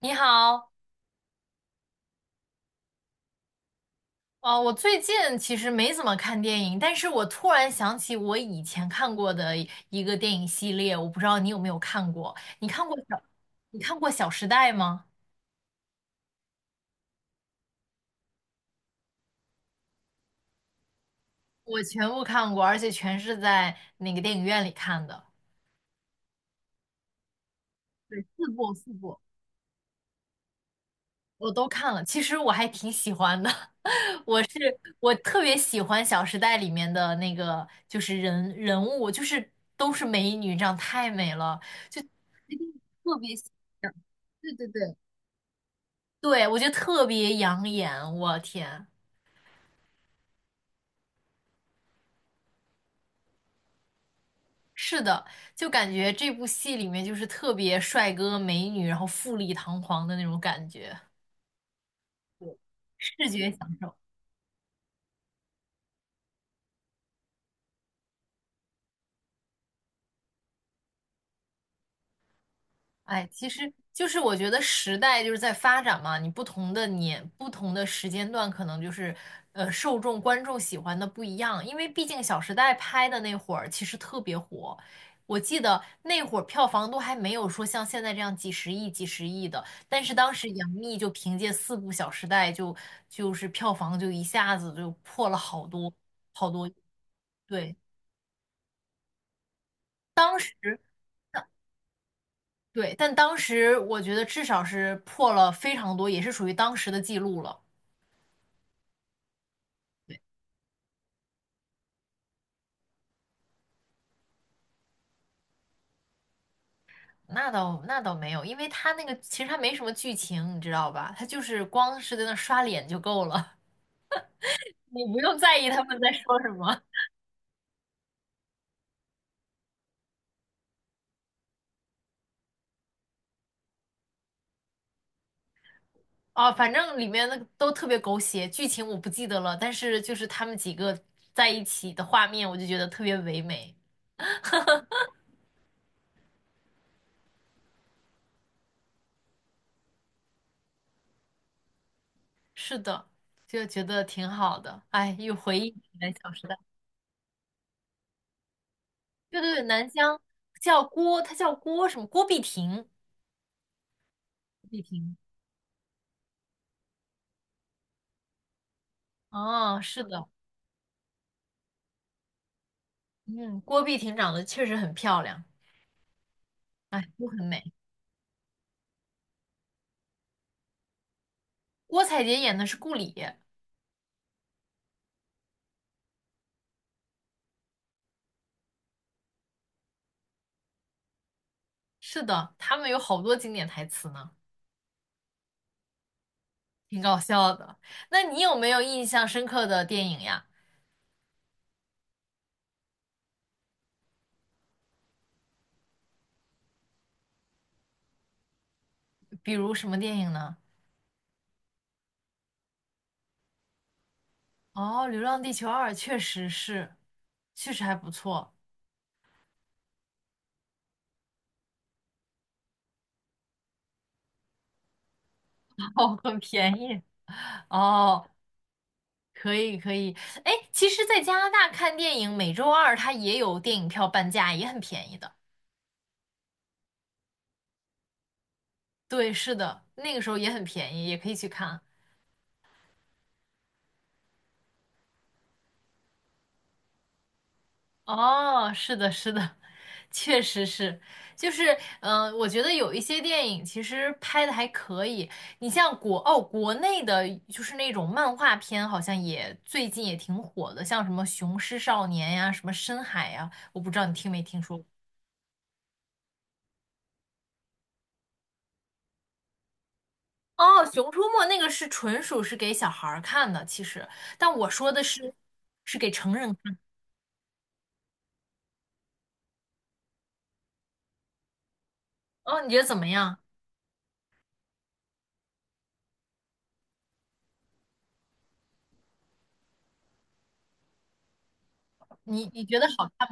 你好。哦，我最近其实没怎么看电影，但是我突然想起我以前看过的一个电影系列，我不知道你有没有看过？你看过小，你看过《小时代》吗？我全部看过，而且全是在那个电影院里看的。对，四部我都看了，其实我还挺喜欢的。我特别喜欢《小时代》里面的那个，就是人物，就是都是美女，这样太美了，特别想，对对对。对，我觉得特别养眼，我天，是的，就感觉这部戏里面就是特别帅哥美女，然后富丽堂皇的那种感觉，视觉享受。哎，其实就是我觉得时代就是在发展嘛，你不同的年、不同的时间段，可能就是受众、观众喜欢的不一样。因为毕竟《小时代》拍的那会儿其实特别火，我记得那会儿票房都还没有说像现在这样几十亿、几十亿的，但是当时杨幂就凭借四部《小时代》就就是票房就一下子就破了好多好多亿。对。当时对，但当时我觉得至少是破了非常多，也是属于当时的记录了。那倒没有，因为他那个其实他没什么剧情，你知道吧？他就是光是在那刷脸就够了。你不用在意他们在说什么。哦，反正里面那个都特别狗血，剧情我不记得了，但是就是他们几个在一起的画面，我就觉得特别唯美。是的，就觉得挺好的。哎，又回忆起来《小时代》。对对对，南湘叫郭，他叫郭什么？郭碧婷。碧婷。哦，是的，嗯，郭碧婷长得确实很漂亮，都很美。郭采洁演的是顾里，是的，他们有好多经典台词呢，挺搞笑的。那你有没有印象深刻的电影呀？比如什么电影呢？哦，《流浪地球二》确实是，确实还不错。哦，很便宜。哦，可以可以。哎，其实，在加拿大看电影，每周二它也有电影票半价，也很便宜的。对，是的，那个时候也很便宜，也可以去看。哦，是的，是的，确实是，就是，嗯、我觉得有一些电影其实拍的还可以。你像国，哦，国内的就是那种漫画片，好像也最近也挺火的，像什么《雄狮少年》呀，什么《深海》呀，我不知道你听没听说过。哦，《熊出没》那个是纯属是给小孩儿看的，其实，但我说的是是给成人看。哦，你觉得怎么样？你你觉得好看？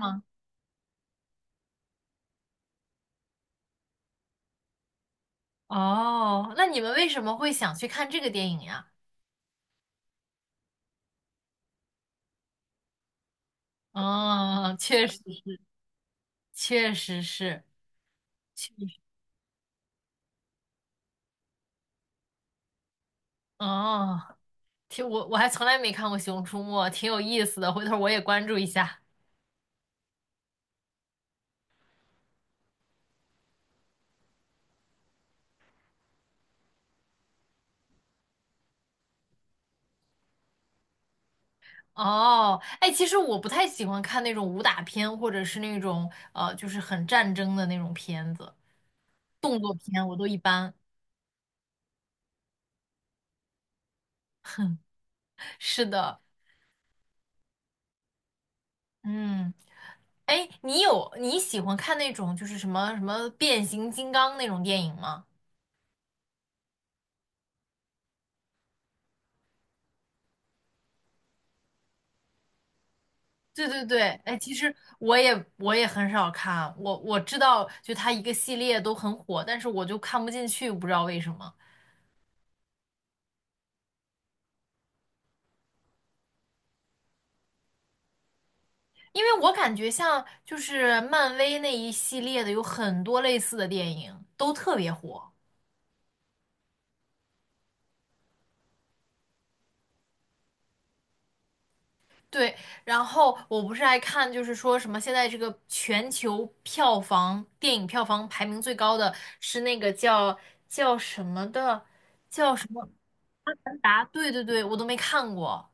哦，那你们为什么会想去看这个电影呀？哦，确实，确实是，确实，哦，挺，我还从来没看过《熊出没》，挺有意思的，回头我也关注一下。哦，哎，其实我不太喜欢看那种武打片，或者是那种就是很战争的那种片子，动作片我都一般。是的，嗯，哎，你喜欢看那种就是什么什么变形金刚那种电影吗？对对对，哎，其实我也很少看，我知道就它一个系列都很火，但是我就看不进去，不知道为什么。因为我感觉像就是漫威那一系列的有很多类似的电影都特别火，对。然后我不是爱看，就是说什么现在这个全球票房电影票房排名最高的是那个叫什么的达，对对对，我都没看过。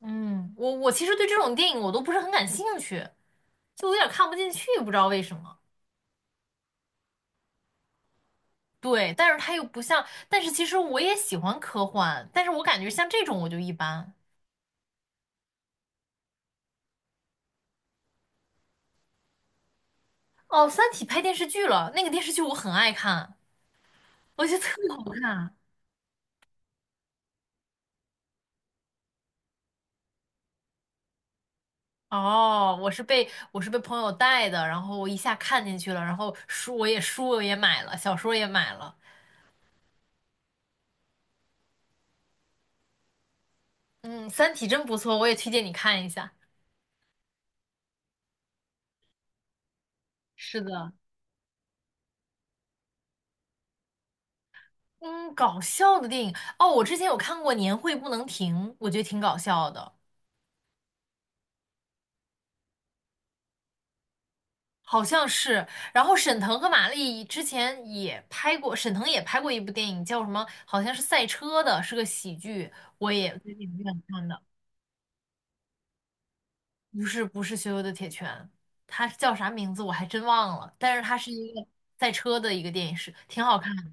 嗯，我其实对这种电影我都不是很感兴趣。就有点看不进去，不知道为什么。对，但是它又不像，但是其实我也喜欢科幻，但是我感觉像这种我就一般。哦，《三体》拍电视剧了，那个电视剧我很爱看，我觉得特别好看。哦，我是被朋友带的，然后我一下看进去了，然后书我也买了，小说也买了。嗯，《三体》真不错，我也推荐你看一下。是的，嗯，搞笑的电影哦，我之前有看过《年会不能停》，我觉得挺搞笑的。好像是。然后沈腾和马丽之前也拍过，沈腾也拍过一部电影，叫什么？好像是赛车的，是个喜剧，我也最近影院看的。不是不是《羞羞的铁拳》，它叫啥名字我还真忘了，但是它是一个赛车的一个电影，是挺好看的。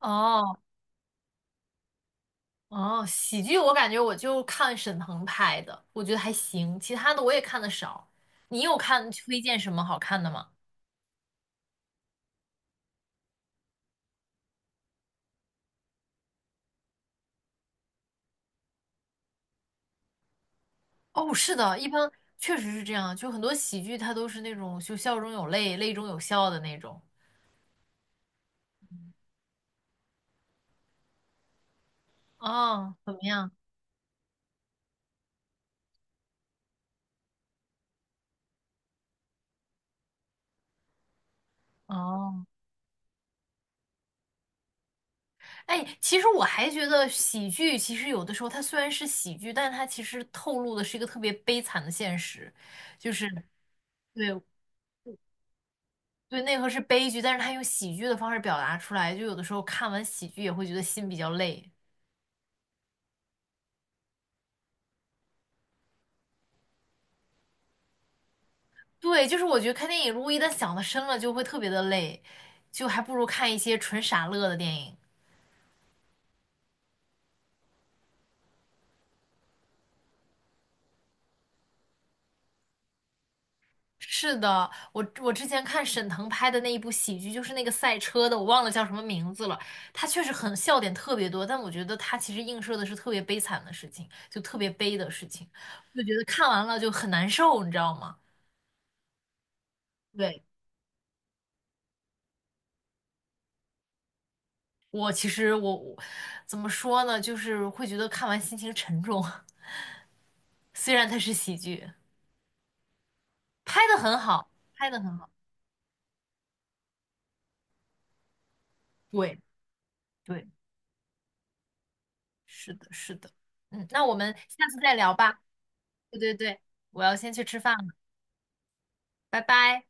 哦哦，喜剧我感觉我就看沈腾拍的，我觉得还行，其他的我也看的少。你有看推荐什么好看的吗？哦，是的，一般确实是这样，就很多喜剧它都是那种就笑中有泪，泪中有笑的那种。啊。怎么样？哦，哎，其实我还觉得喜剧其实有的时候它虽然是喜剧，但它其实透露的是一个特别悲惨的现实，就是对对，内核是悲剧，但是它用喜剧的方式表达出来，就有的时候看完喜剧也会觉得心比较累。对，就是我觉得看电影如果一旦想的深了，就会特别的累，就还不如看一些纯傻乐的电影。是的，我我之前看沈腾拍的那一部喜剧，就是那个赛车的，我忘了叫什么名字了。他确实很笑点特别多，但我觉得他其实映射的是特别悲惨的事情，就特别悲的事情，就觉得看完了就很难受，你知道吗？对，我其实怎么说呢，就是会觉得看完心情沉重。虽然它是喜剧，拍的很好，拍的很好。对对，是的，是的，嗯，那我们下次再聊吧。对对对，我要先去吃饭了，拜拜。